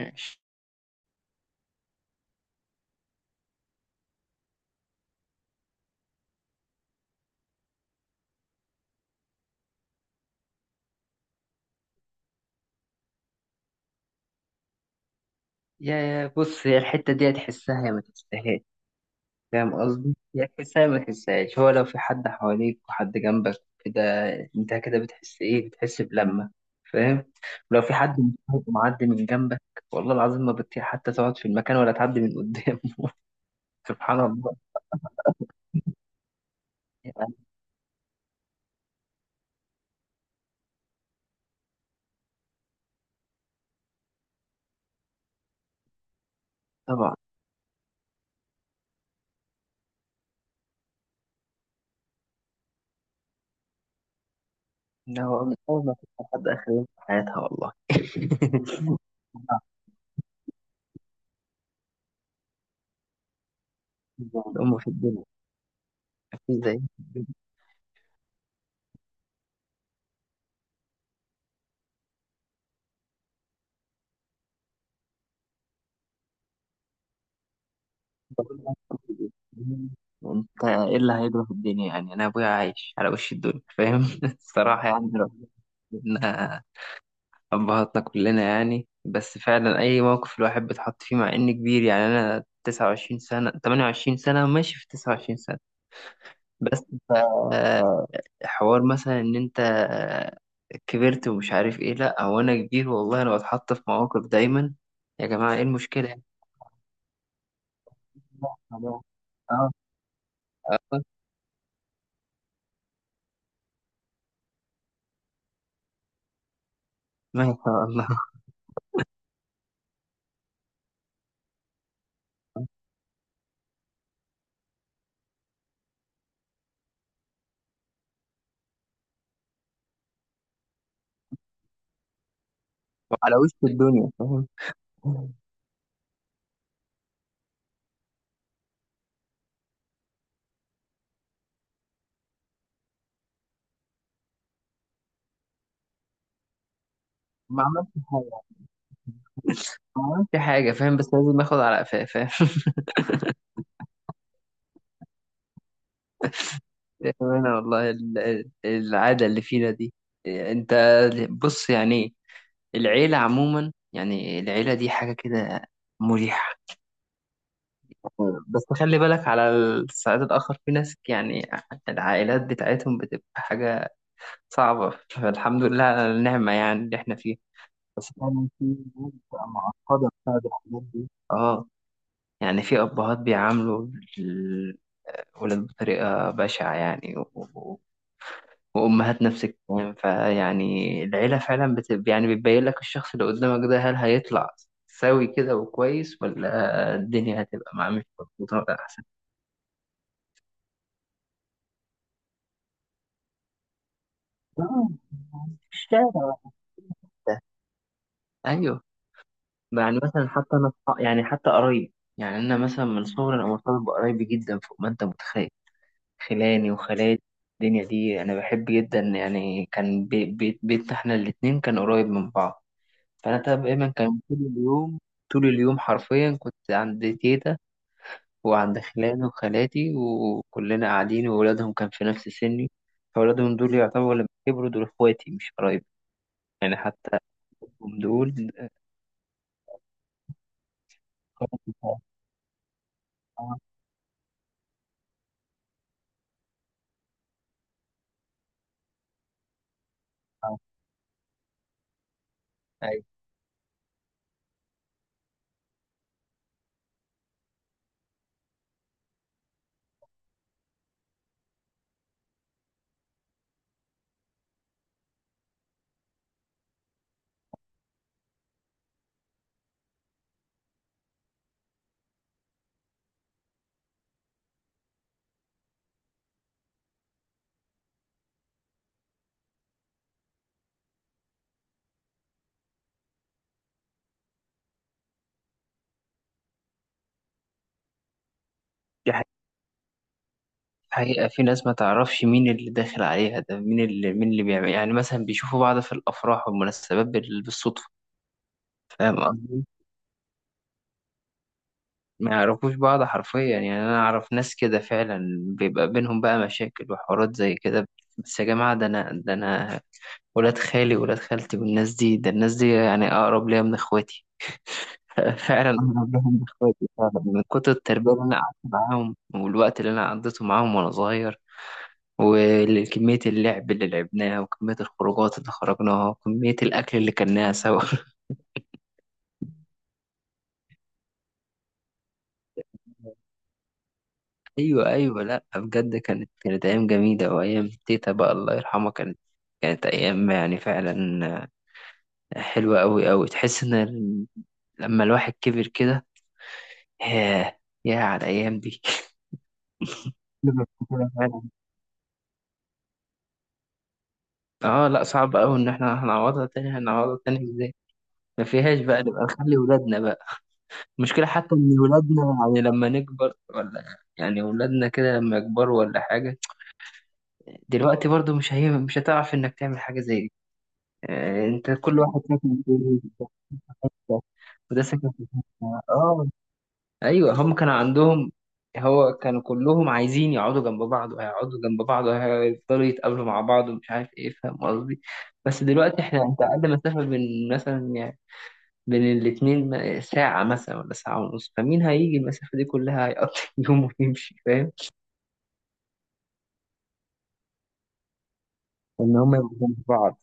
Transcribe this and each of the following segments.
ماشي، يا بص هي الحتة دي هتحسها يا ما تحسهاش، فاهم قصدي؟ يا تحسها يا ما تحسهاش، هو لو في حد حواليك وحد جنبك كده، انت كده بتحس ايه؟ بتحس بلمة، فاهم؟ ولو في حد مصاحب معدي من جنبك والله العظيم ما بتطيق حتى تقعد في المكان ولا تعدي من قدام سبحان الله يعني. طبعا. إن هو من أول ما تبقى حد آخر يوم في حياتها والله. أمه في الدنيا، مفيش زي. انت ايه اللي هيجرى في الدنيا يعني، انا ابويا عايش على وش الدنيا فاهم الصراحه يعني. ربنا، ابهاتنا كلنا يعني، بس فعلا اي موقف الواحد بيتحط فيه مع اني كبير، يعني انا 29 سنه 28 سنه ماشي في 29 سنه. بس حوار مثلا ان انت كبرت ومش عارف ايه، لا هو انا كبير والله، انا بتحط في مواقف دايما، يا جماعه ايه المشكله يعني؟ اه، اه. ما شاء الله. على وش الدنيا فاهم. ما عملتش حاجة، ما عملتش حاجة فاهم، بس لازم اخد على قفاه فاهم أنا والله العادة اللي فينا دي. أنت، بص يعني، العيلة عموما يعني العيلة دي حاجة كده مريحة. بس خلي بالك على الصعيد الآخر، في ناس يعني العائلات بتاعتهم بتبقى حاجة صعبة، فالحمد لله على النعمة يعني اللي احنا فيها. بس فعلا في ناس بتبقى معقدة بسبب الحاجات دي، اه. يعني في أبهات بيعاملوا الولاد بطريقة بشعة يعني و- وأمهات نفس الكلام، فيعني العيلة فعلا يعني بتبين لك الشخص اللي قدامك ده هل هيطلع سوي كده وكويس، ولا الدنيا هتبقى معاه مش مظبوطة ولا أحسن. آه، في الشارع وقتها. أيوه. يعني مثلا حتى أنا يعني حتى قرايب، يعني أنا مثلا من صغري أنا مرتبط بقرايبي جدا فوق ما أنت متخيل. خلاني وخالاتي الدنيا دي انا بحب جدا، يعني كان بيتنا احنا الاتنين كان قريب من بعض، فانا دايما كان طول اليوم طول اليوم حرفيا كنت عند تيتا، وعند خلاني وخالاتي وكلنا قاعدين وولادهم كان في نفس سني، فولادهم دول يعتبروا لما كبروا دول اخواتي مش قرايب يعني، حتى هم دول. أيوة. دي حقيقة، في ناس ما تعرفش مين اللي داخل عليها ده، مين اللي بيعمل، يعني مثلا بيشوفوا بعض في الأفراح والمناسبات بالصدفة، فاهم قصدي؟ ما يعرفوش بعض حرفيا، يعني أنا أعرف ناس كده فعلا بيبقى بينهم بقى مشاكل وحوارات زي كده. بس يا جماعة، ده أنا، ده أنا ولاد خالي ولاد خالتي والناس دي، ده الناس دي يعني أقرب ليا من إخواتي، فعلا أقرب ليا من إخواتي فعلا، من كتر التربية اللي أنا قعدت معاهم والوقت اللي أنا قضيته معاهم وأنا صغير، وكمية اللعب اللي لعبناها وكمية الخروجات اللي خرجناها وكمية الأكل اللي كلناها سوا أيوة أيوة لأ بجد، كانت أيام جميلة وأيام تيتا بقى الله يرحمها، كانت أيام يعني فعلا حلوة أوي أوي. تحس إن لما الواحد كبر كده، ياه، ياه على الأيام دي كبر كده فعلا. آه لأ صعب أوي إن إحنا هنعوضها تاني، هنعوضها تاني إزاي؟ مفيهاش بقى، نبقى نخلي ولادنا بقى. المشكلة حتى إن ولادنا يعني لما نكبر ولا، يعني ولادنا كده لما يكبروا ولا حاجة، دلوقتي برضو مش هتعرف إنك تعمل حاجة زي دي. آه، أنت كل واحد ساكن في حتة، وده ساكن في حتة. آه. أيوة، هم كانوا عندهم، هو كانوا كلهم عايزين يقعدوا جنب بعض، وهيقعدوا جنب بعض وهيفضلوا يتقابلوا مع بعض ومش عارف إيه، فاهم قصدي؟ بس دلوقتي إحنا أنت أقل مسافة بين مثلا يعني بين الاتنين ساعة مثلا ولا ساعة ونص، فمين هيجي المسافة دي كلها، هيقضي يوم ويمشي فاهم، إن هما يبقوا جنب بعض.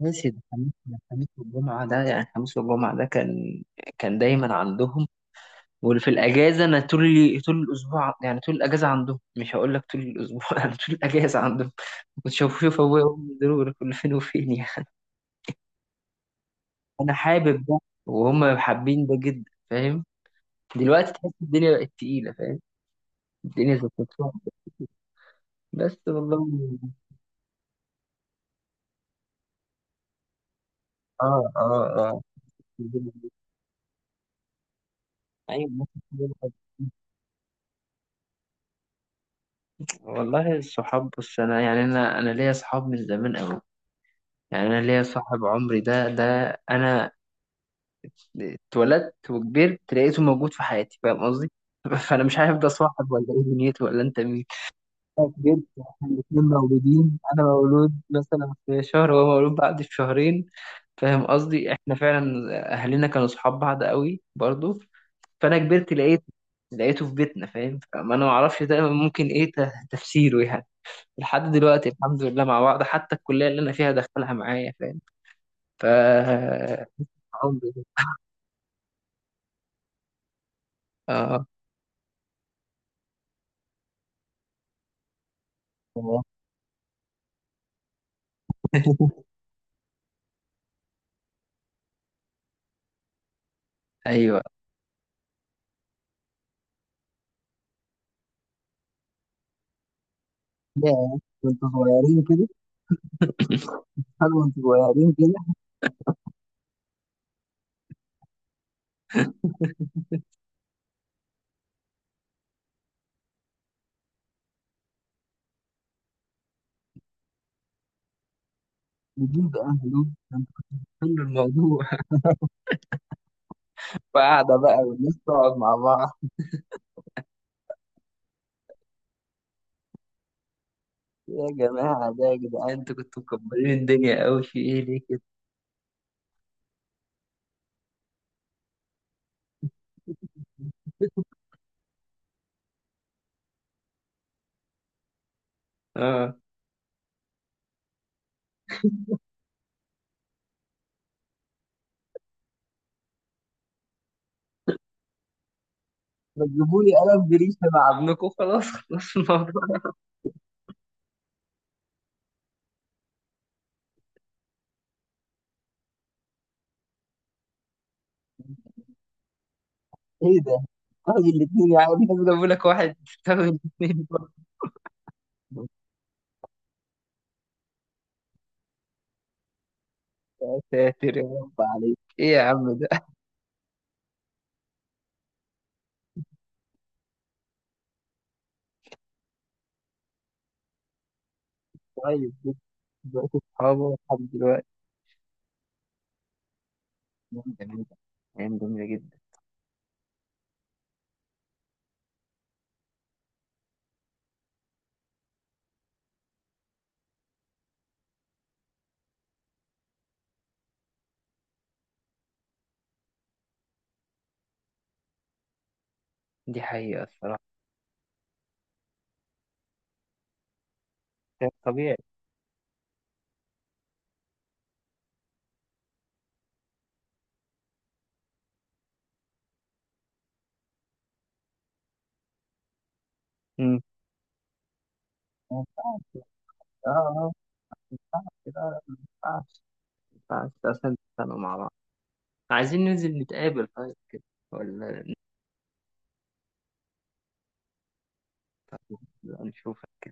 ماشي، ده الخميس، الخميس والجمعة ده يعني الخميس والجمعة ده كان دايما عندهم. وفي الأجازة أنا طول طول الأسبوع يعني طول الأجازة عندهم، مش هقول لك طول الأسبوع أنا طول الأجازة عندهم، كنت شوف شوف أبويا وأمي ضروري كل فين وفين يعني. أنا حابب ده، وهم حابين ده جدا فاهم. دلوقتي تحس الدنيا بقت تقيلة فاهم، الدنيا زي... بس والله، اه، اه، اه، ايوه والله. الصحاب، بص انا يعني انا ليا صحاب من زمان قوي، يعني انا ليا صاحب عمري، ده انا اتولدت وكبرت لقيته موجود في حياتي فاهم قصدي فانا مش عارف ده صاحب ولا ايه دنيته ولا انت مين. جدا احنا الاتنين مولودين، انا مولود مثلا في شهر وهو مولود بعد بشهرين، فاهم قصدي احنا فعلا اهلنا كانوا صحاب بعض قوي برضو، فانا كبرت لقيته في بيتنا فاهم، فما انا ما اعرفش ده ممكن ايه تفسيره يعني. لحد دلوقتي الحمد لله مع بعض، حتى الكليه اللي انا فيها دخلها معايا فاهم، ف عمري ده. اه، تمام. ايوه. ياه، كنتوا صغيرين كده، هل وانتوا صغيرين كده؟ نجيب اهله كان حلو الموضوع، وقاعدة بقى والناس تقعد مع بعض. يا جماعة ده يا جدعان، انتوا كنتوا مكبرين الدنيا قوي في ايه ليه كده؟ اه، ما تجيبوا لي قلم بريشة مع ابنكم، خلاص خلاص الموضوع. ايه ده؟ واحد الاثنين يا عم، الناس جابوا لك واحد تساوي الاثنين برضه. يا ساتر يا رب، عليك ايه يا عم ده؟ طيب جدا، بقيت اصحابه لحد دلوقتي. ايام جميلة، ايام جميلة جدا. دي حقيقة الصراحة. ده طبيعي. امم. ما ينفعش، اه، اه، ما ينفعش، لا، لا، ما ينفعش، ما ينفعش اصلا تتخانقوا مع بعض. عايزين ننزل نتقابل طيب كده، ولا؟ نشوف.